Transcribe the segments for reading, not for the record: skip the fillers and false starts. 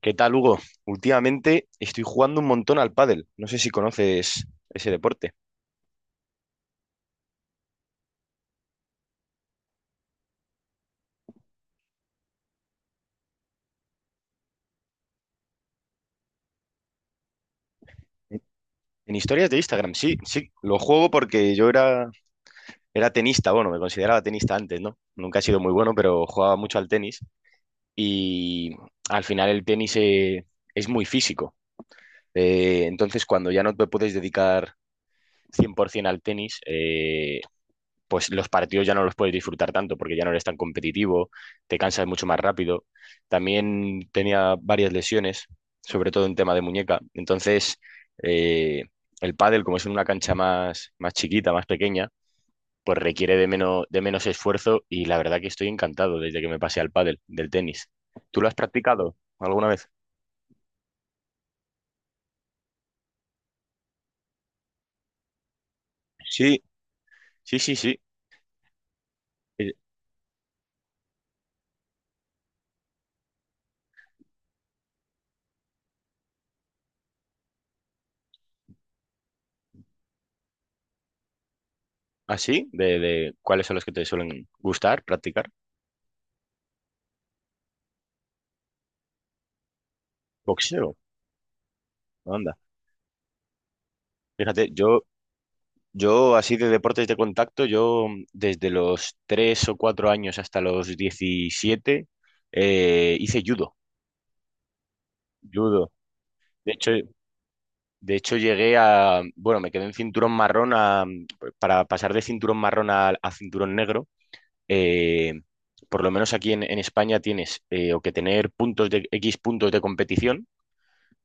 ¿Qué tal, Hugo? Últimamente estoy jugando un montón al pádel. No sé si conoces ese deporte. En historias de Instagram, sí, sí. Lo juego porque yo era tenista, bueno, me consideraba tenista antes, ¿no? Nunca he sido muy bueno, pero jugaba mucho al tenis. Y al final el tenis es muy físico. Entonces, cuando ya no te puedes dedicar 100% al tenis, pues los partidos ya no los puedes disfrutar tanto porque ya no eres tan competitivo, te cansas mucho más rápido. También tenía varias lesiones, sobre todo en tema de muñeca. Entonces, eh, el pádel, como es en una cancha más, más chiquita, más pequeña, pues requiere de menos esfuerzo y la verdad que estoy encantado desde que me pasé al pádel del tenis. ¿Tú lo has practicado alguna vez? Sí, sí, sí, sí. Eh, ¿Así? ¿De cuáles son los que te suelen gustar practicar? Boxeo, anda. Fíjate, yo, así de deportes de contacto, yo desde los 3 o 4 años hasta los 17 hice judo, judo. De hecho, de hecho, llegué a, bueno, me quedé en cinturón marrón para pasar de cinturón marrón a cinturón negro. eh, por lo menos aquí en España tienes o que tener puntos de X puntos de competición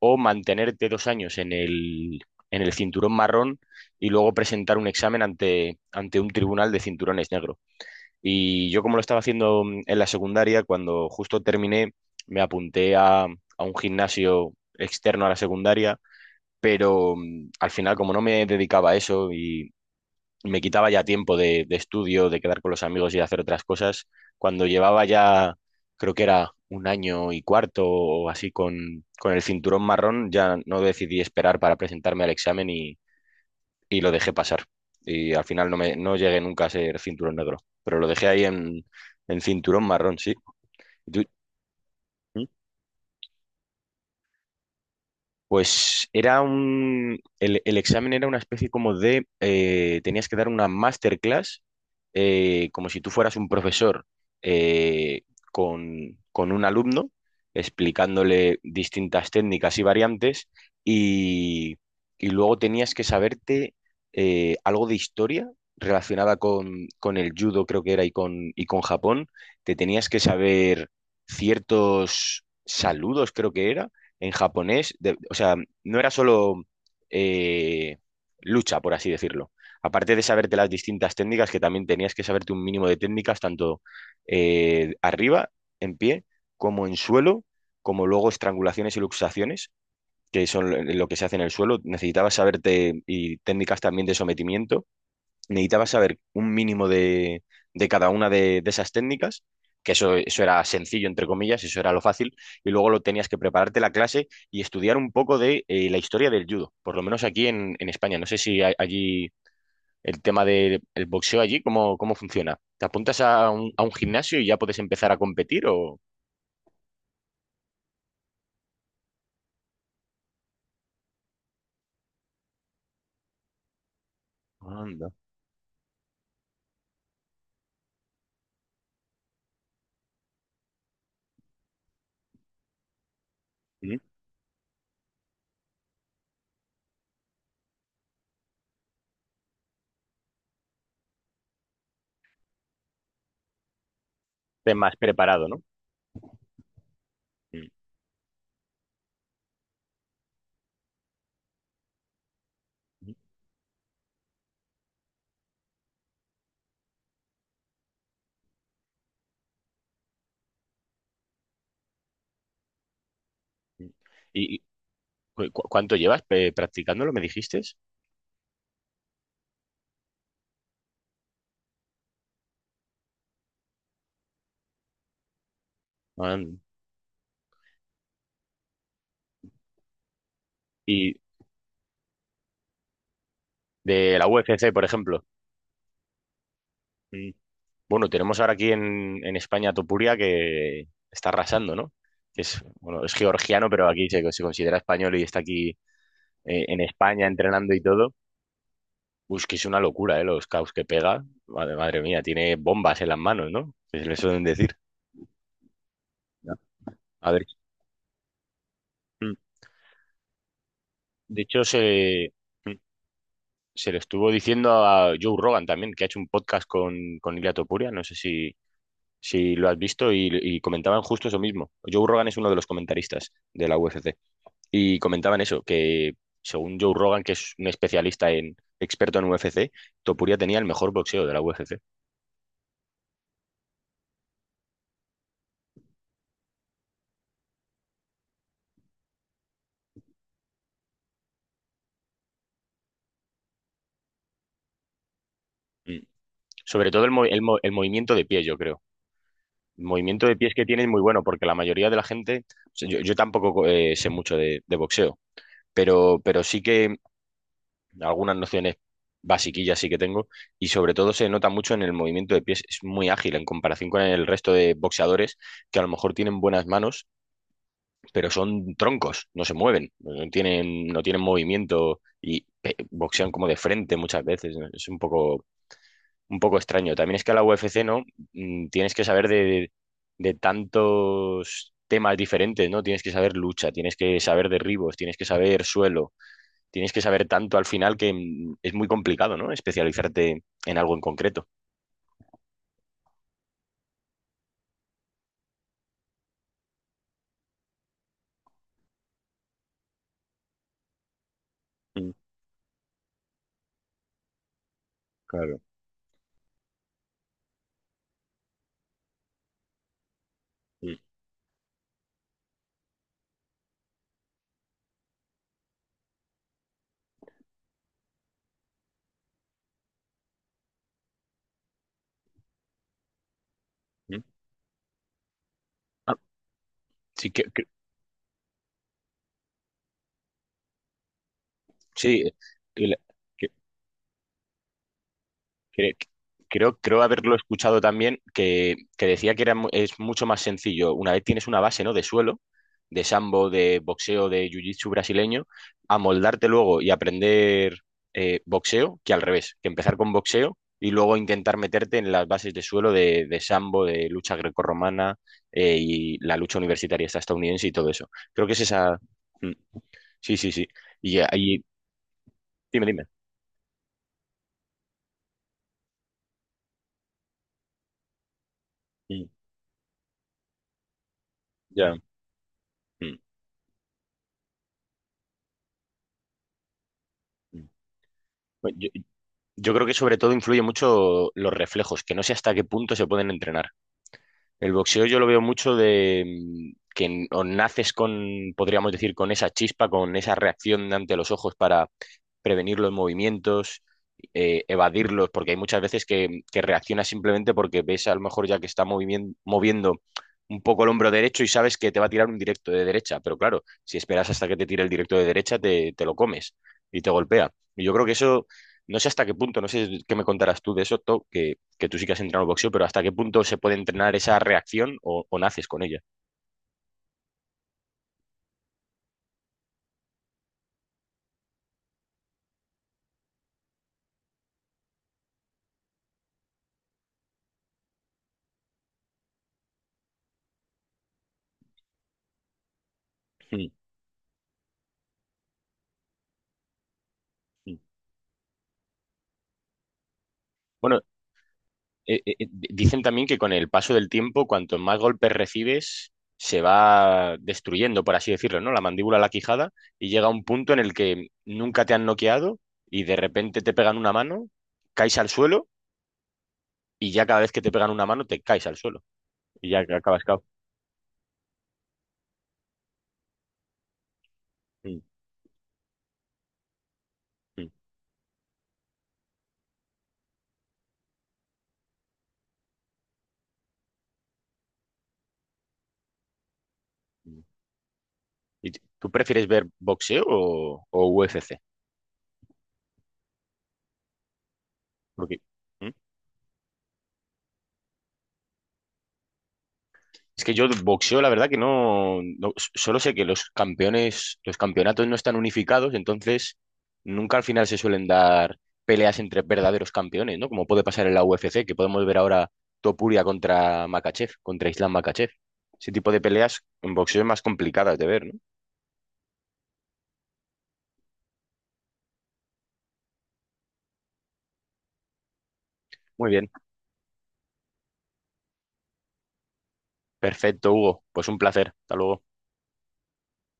o mantenerte 2 años en el cinturón marrón y luego presentar un examen ante un tribunal de cinturones negros. Y yo como lo estaba haciendo en la secundaria, cuando justo terminé, me apunté a un gimnasio externo a la secundaria, pero al final como no me dedicaba a eso y me quitaba ya tiempo de estudio, de quedar con los amigos y de hacer otras cosas, cuando llevaba ya, creo que era un año y cuarto o así con el cinturón marrón, ya no decidí esperar para presentarme al examen y lo dejé pasar. Y al final no llegué nunca a ser cinturón negro, pero lo dejé ahí en cinturón marrón, sí. ¿Y tú? Pues era un, el examen era una especie como de, tenías que dar una masterclass, como si tú fueras un profesor eh, con un alumno, explicándole distintas técnicas y variantes, y, y luego tenías que saberte algo de historia relacionada con el judo, creo que era, y con Japón. Te tenías que saber ciertos saludos, creo que era en japonés, o sea, no era solo eh, lucha, por así decirlo. Aparte de saberte las distintas técnicas, que también tenías que saberte un mínimo de técnicas, tanto arriba, en pie, como en suelo, como luego estrangulaciones y luxaciones, que son lo que se hace en el suelo. Necesitabas saberte y técnicas también de sometimiento, necesitaba saber un mínimo de cada una de esas técnicas, que eso era sencillo, entre comillas, eso era lo fácil, y luego lo tenías que prepararte la clase y estudiar un poco de la historia del judo, por lo menos aquí en España. No sé si allí el tema del el boxeo allí, ¿cómo funciona? ¿Te apuntas a un gimnasio y ya puedes empezar a competir, o? Anda. Mm. Estés más preparado, ¿no? Mm, mm, mm. ¿Y cuánto llevas practicándolo, me dijiste? Anda. ¿Y de la UFC, por ejemplo? Mm. Bueno, tenemos ahora aquí en España a Topuria que está arrasando, ¿no? Que es, bueno, es georgiano, pero aquí se considera español y está aquí en España entrenando y todo. Uy, es que es una locura, ¿eh? Los caos que pega. Madre, madre mía, tiene bombas en las manos, ¿no? Que se le suelen decir. Ya. A ver. Mm. De hecho, mm, se le estuvo diciendo a Joe Rogan también, que ha hecho un podcast con Ilia Topuria. No sé si lo has visto, y comentaban justo eso mismo. Joe Rogan es uno de los comentaristas de la UFC y comentaban eso, que según Joe Rogan, que es un especialista en experto en UFC, Topuria tenía el mejor boxeo de la UFC. Mm. Sobre todo el movimiento de pie, yo creo. El movimiento de pies que tiene es muy bueno porque la mayoría de la gente, o sea, yo tampoco sé mucho de boxeo, pero sí que algunas nociones basiquillas sí que tengo y sobre todo se nota mucho en el movimiento de pies, es muy ágil en comparación con el resto de boxeadores que a lo mejor tienen buenas manos, pero son troncos, no se mueven, no tienen movimiento y boxean como de frente muchas veces, ¿no? Es un poco extraño. También es que a la UFC, ¿no? Tienes que saber de tantos temas diferentes, ¿no? Tienes que saber lucha, tienes que saber derribos, tienes que saber suelo, tienes que saber tanto al final que es muy complicado, ¿no? Especializarte en algo en concreto. Mm, claro. Mm, mm. Ah, sí, sí, Cre- creo haberlo escuchado también, que decía que es mucho más sencillo. Una vez tienes una base, ¿no? De suelo, de sambo, de boxeo, de jiu-jitsu brasileño, amoldarte luego y aprender boxeo, que al revés, que empezar con boxeo y luego intentar meterte en las bases de suelo de sambo, de lucha grecorromana y la lucha universitaria esta estadounidense y todo eso. Creo que es esa. Mm, sí, sí, sí. Y ahí, dime, dime. Mm, ya. Mm, mm. Yo- Yo creo que sobre todo influye mucho los reflejos, que no sé hasta qué punto se pueden entrenar. El boxeo yo lo veo mucho de que o naces con, podríamos decir, con esa chispa, con esa reacción ante los ojos para prevenir los movimientos, evadirlos, porque hay muchas veces que reaccionas simplemente porque ves a lo mejor ya que está moviendo un poco el hombro derecho y sabes que te va a tirar un directo de derecha, pero claro, si esperas hasta que te tire el directo de derecha, te lo comes y te golpea. Y yo creo que eso, no sé hasta qué punto, no sé qué me contarás tú de eso, To, que tú sí que has entrenado boxeo, pero ¿hasta qué punto se puede entrenar esa reacción, o naces con ella? Mm, mm. Bueno, dicen también que con el paso del tiempo, cuanto más golpes recibes, se va destruyendo, por así decirlo, ¿no? La mandíbula, la quijada, y llega un punto en el que nunca te han noqueado y de repente te pegan una mano, caes al suelo y ya cada vez que te pegan una mano te caes al suelo y ya acabas cao. Mm, mm, mm. ¿Y tú prefieres ver boxeo, o UFC? Porque, ¿hmm? Es que yo boxeo, la verdad que no, solo sé que los campeones, los campeonatos no están unificados, entonces nunca al final se suelen dar peleas entre verdaderos campeones, ¿no? Como puede pasar en la UFC, que podemos ver ahora Topuria contra Makachev, contra Islam Makachev. Ese tipo de peleas en boxeo es más complicadas de ver, ¿no? Muy bien, perfecto, Hugo. Pues un placer. Hasta luego.